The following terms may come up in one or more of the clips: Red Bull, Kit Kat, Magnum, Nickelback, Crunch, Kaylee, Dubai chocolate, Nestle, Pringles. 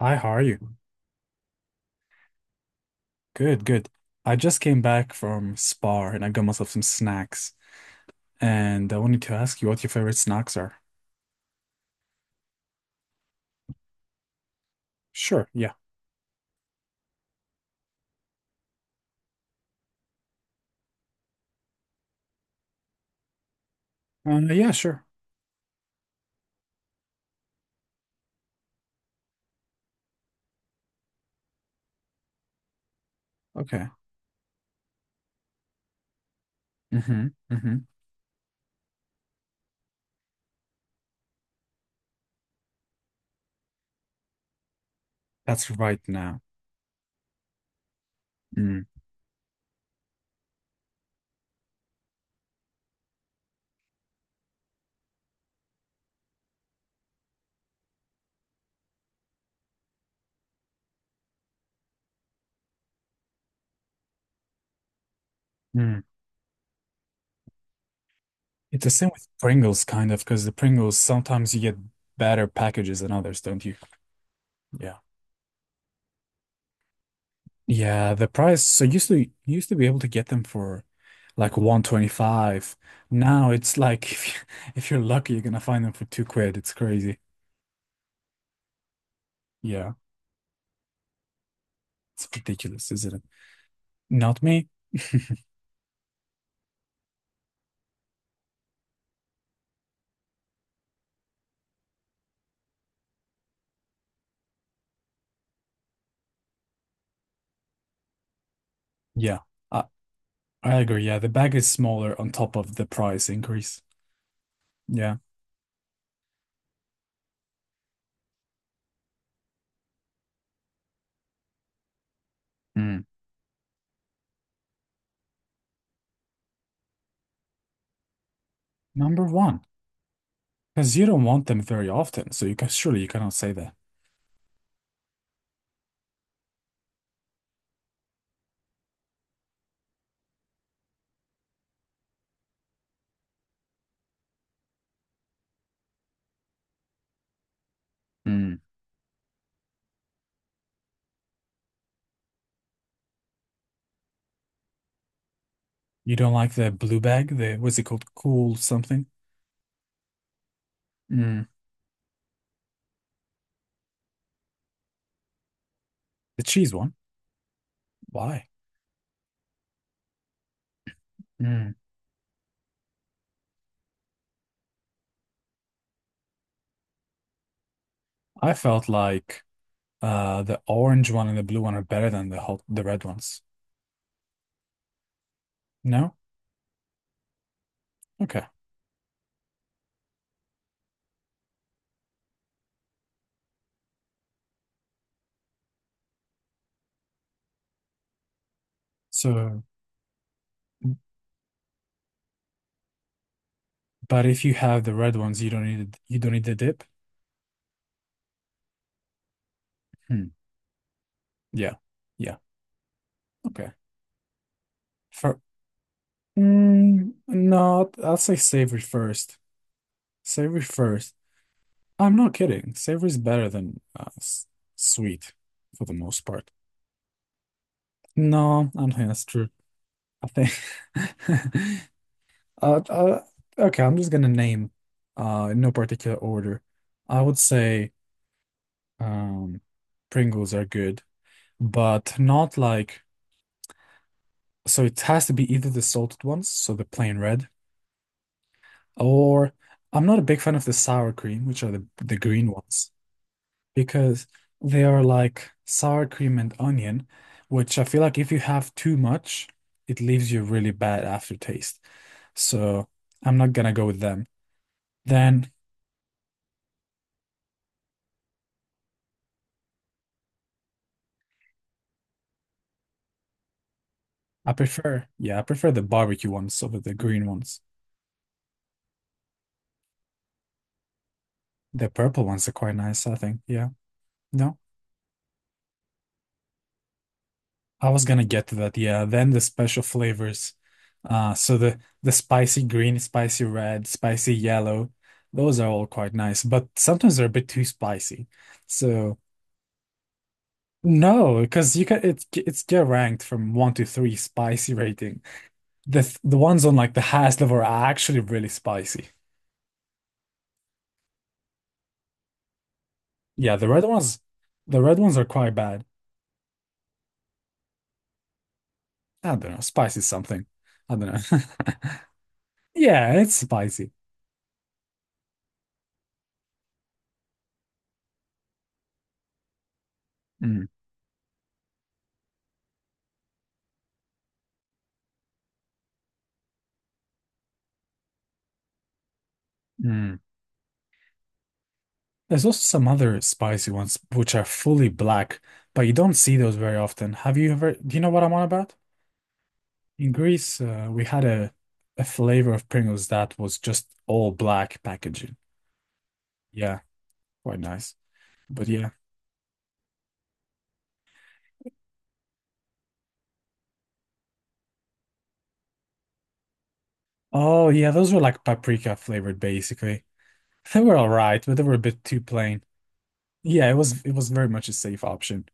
Hi, how are you? Good, good. I just came back from Spa and I got myself some snacks. And I wanted to ask you what your favorite snacks are. Sure, yeah. Yeah, sure. Okay. Mm-hmm. Mm-hmm. That's right now. Mm. Mm. It's the same with Pringles, kind of, because the Pringles sometimes you get better packages than others, don't you? Yeah. Yeah, the price. So used to you used to be able to get them for like 125. Now it's like if you're lucky, you're gonna find them for 2 quid. It's crazy. Yeah. It's ridiculous, isn't it? Not me. Yeah, I, I agree. Yeah, the bag is smaller on top of the price increase. Yeah. Mm. Number one, because you don't want them very often, so you can surely you cannot say that. Mm. You don't like the blue bag, the what's it called? Cool something? Mm. The cheese one? Why? Mm. I felt like the orange one and the blue one are better than the red ones. No? Okay. So, but if you have the red ones, you don't need the dip. Hmm. Yeah. Yeah. Okay. For no, I'll say savory first. Savory first. I'm not kidding. Savory is better than sweet for the most part. No, I don't think that's true. I think. uh, uh, okay, I'm just gonna name, in no particular order. I would say. Um, Pringles are good, but not like, so it has to be either the salted ones, so the plain red, or I'm not a big fan of the sour cream, which are the green ones, because they are like sour cream and onion, which I feel like if you have too much, it leaves you really bad aftertaste. So I'm not gonna go with them. Then yeah, I prefer the barbecue ones over the green ones. The purple ones are quite nice, I think. Yeah. No? I was gonna get to that, yeah. Then the special flavors. So the spicy green, spicy red, spicy yellow, those are all quite nice, but sometimes they're a bit too spicy. So no, because you can it it's get ranked from one to three spicy rating. The ones on like the highest level are actually really spicy. Yeah, the red ones are quite bad. I don't know, spicy something. I don't know. Yeah, it's spicy. Mm, mm. There's also some other spicy ones which are fully black, but you don't see those very often. Have you ever, do you know what I'm on about? In Greece, we had a flavor of Pringles that was just all black packaging. Yeah, quite nice. But yeah. Oh yeah, those were like paprika flavored basically. They were all right, but they were a bit too plain. Yeah, it was very much a safe option.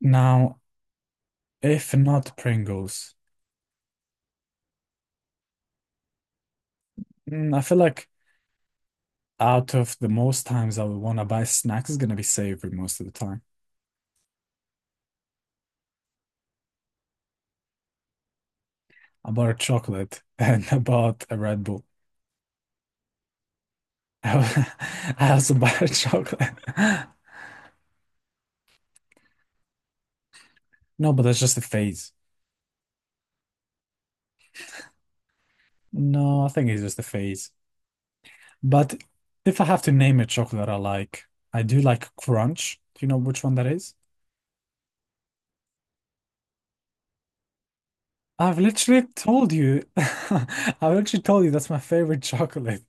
Now, if not Pringles, I feel like out of the most times I would want to buy snacks is gonna be savory most of the time. I bought a chocolate and I bought a Red Bull. I also bought a chocolate. No, but that's just a phase. No, I think it's just a phase. But if I have to name a chocolate I like, I do like Crunch. Do you know which one that is? I've literally told you. I've literally told you that's my favorite chocolate.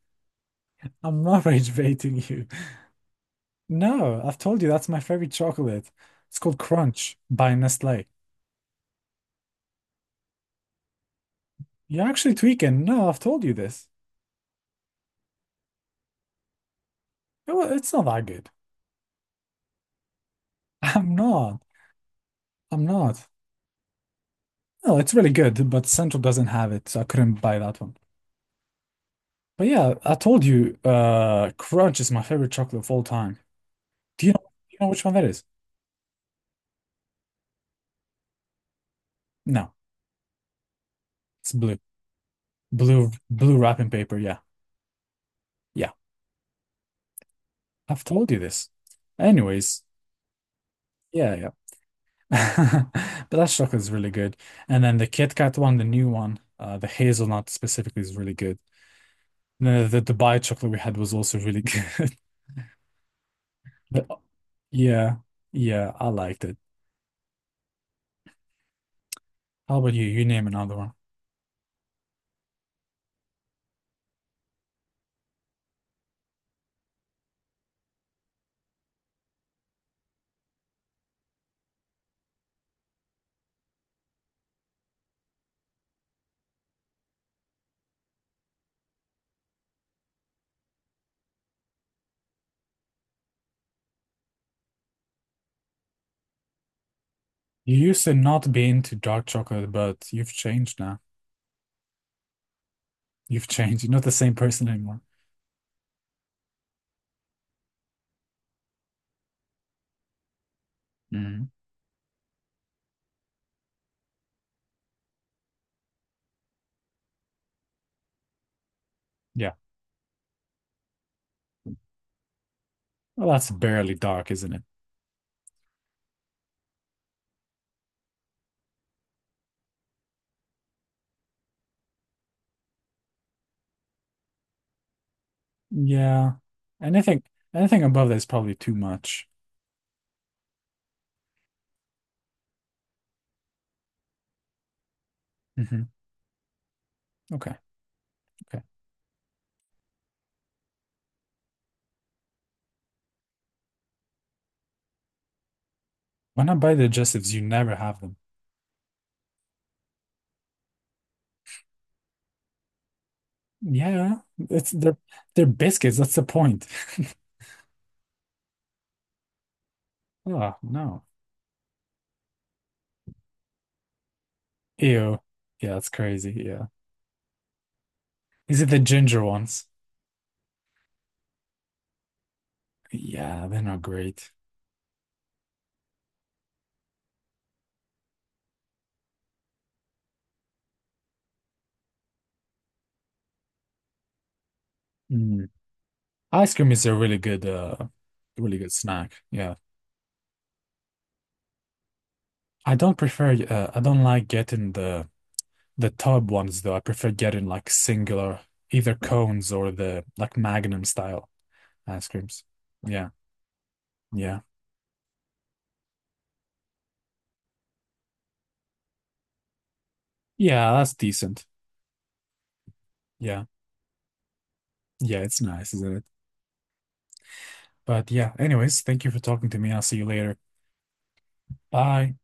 I'm not rage baiting you. No, I've told you that's my favorite chocolate. It's called Crunch by Nestle. You're actually tweaking. No, I've told you this. It's not that good. I'm not. I'm not. No, it's really good, but Central doesn't have it, so I couldn't buy that one. But yeah, I told you, Crunch is my favorite chocolate of all time. Do you know, do you know which one that is? No, it's blue. Blue, blue wrapping paper. Yeah. Yeah. I've told you this. Anyways, yeah, yeah. But that chocolate is really good. And then the Kit Kat one, the new one, the hazelnut specifically is really good. And then the Dubai chocolate we had was also really good. But, yeah, yeah, I liked it. How about you? You name another one. You used to not be into dark chocolate, but you've changed now. You've changed. You're not the same person anymore. Mm. Yeah. Well, that's barely dark, isn't it? Yeah. Anything anything above that is probably too much. Hmm. Okay. Okay. When I buy digestives, you never have them. Yeah, yeah. it's they're biscuits. That's the point. Oh no. Ew. Yeah, that's crazy. Yeah. Is it the ginger ones? Yeah, they're not great. Mm. Ice cream is a really good snack. Yeah. I don't like getting the tub ones though. I prefer getting like singular either cones or the like Magnum style ice creams. Yeah. Yeah. Yeah, that's decent. Yeah. Yeah, it's nice, isn't it? But yeah, anyways, thank you for talking to me. I'll see you later. Bye.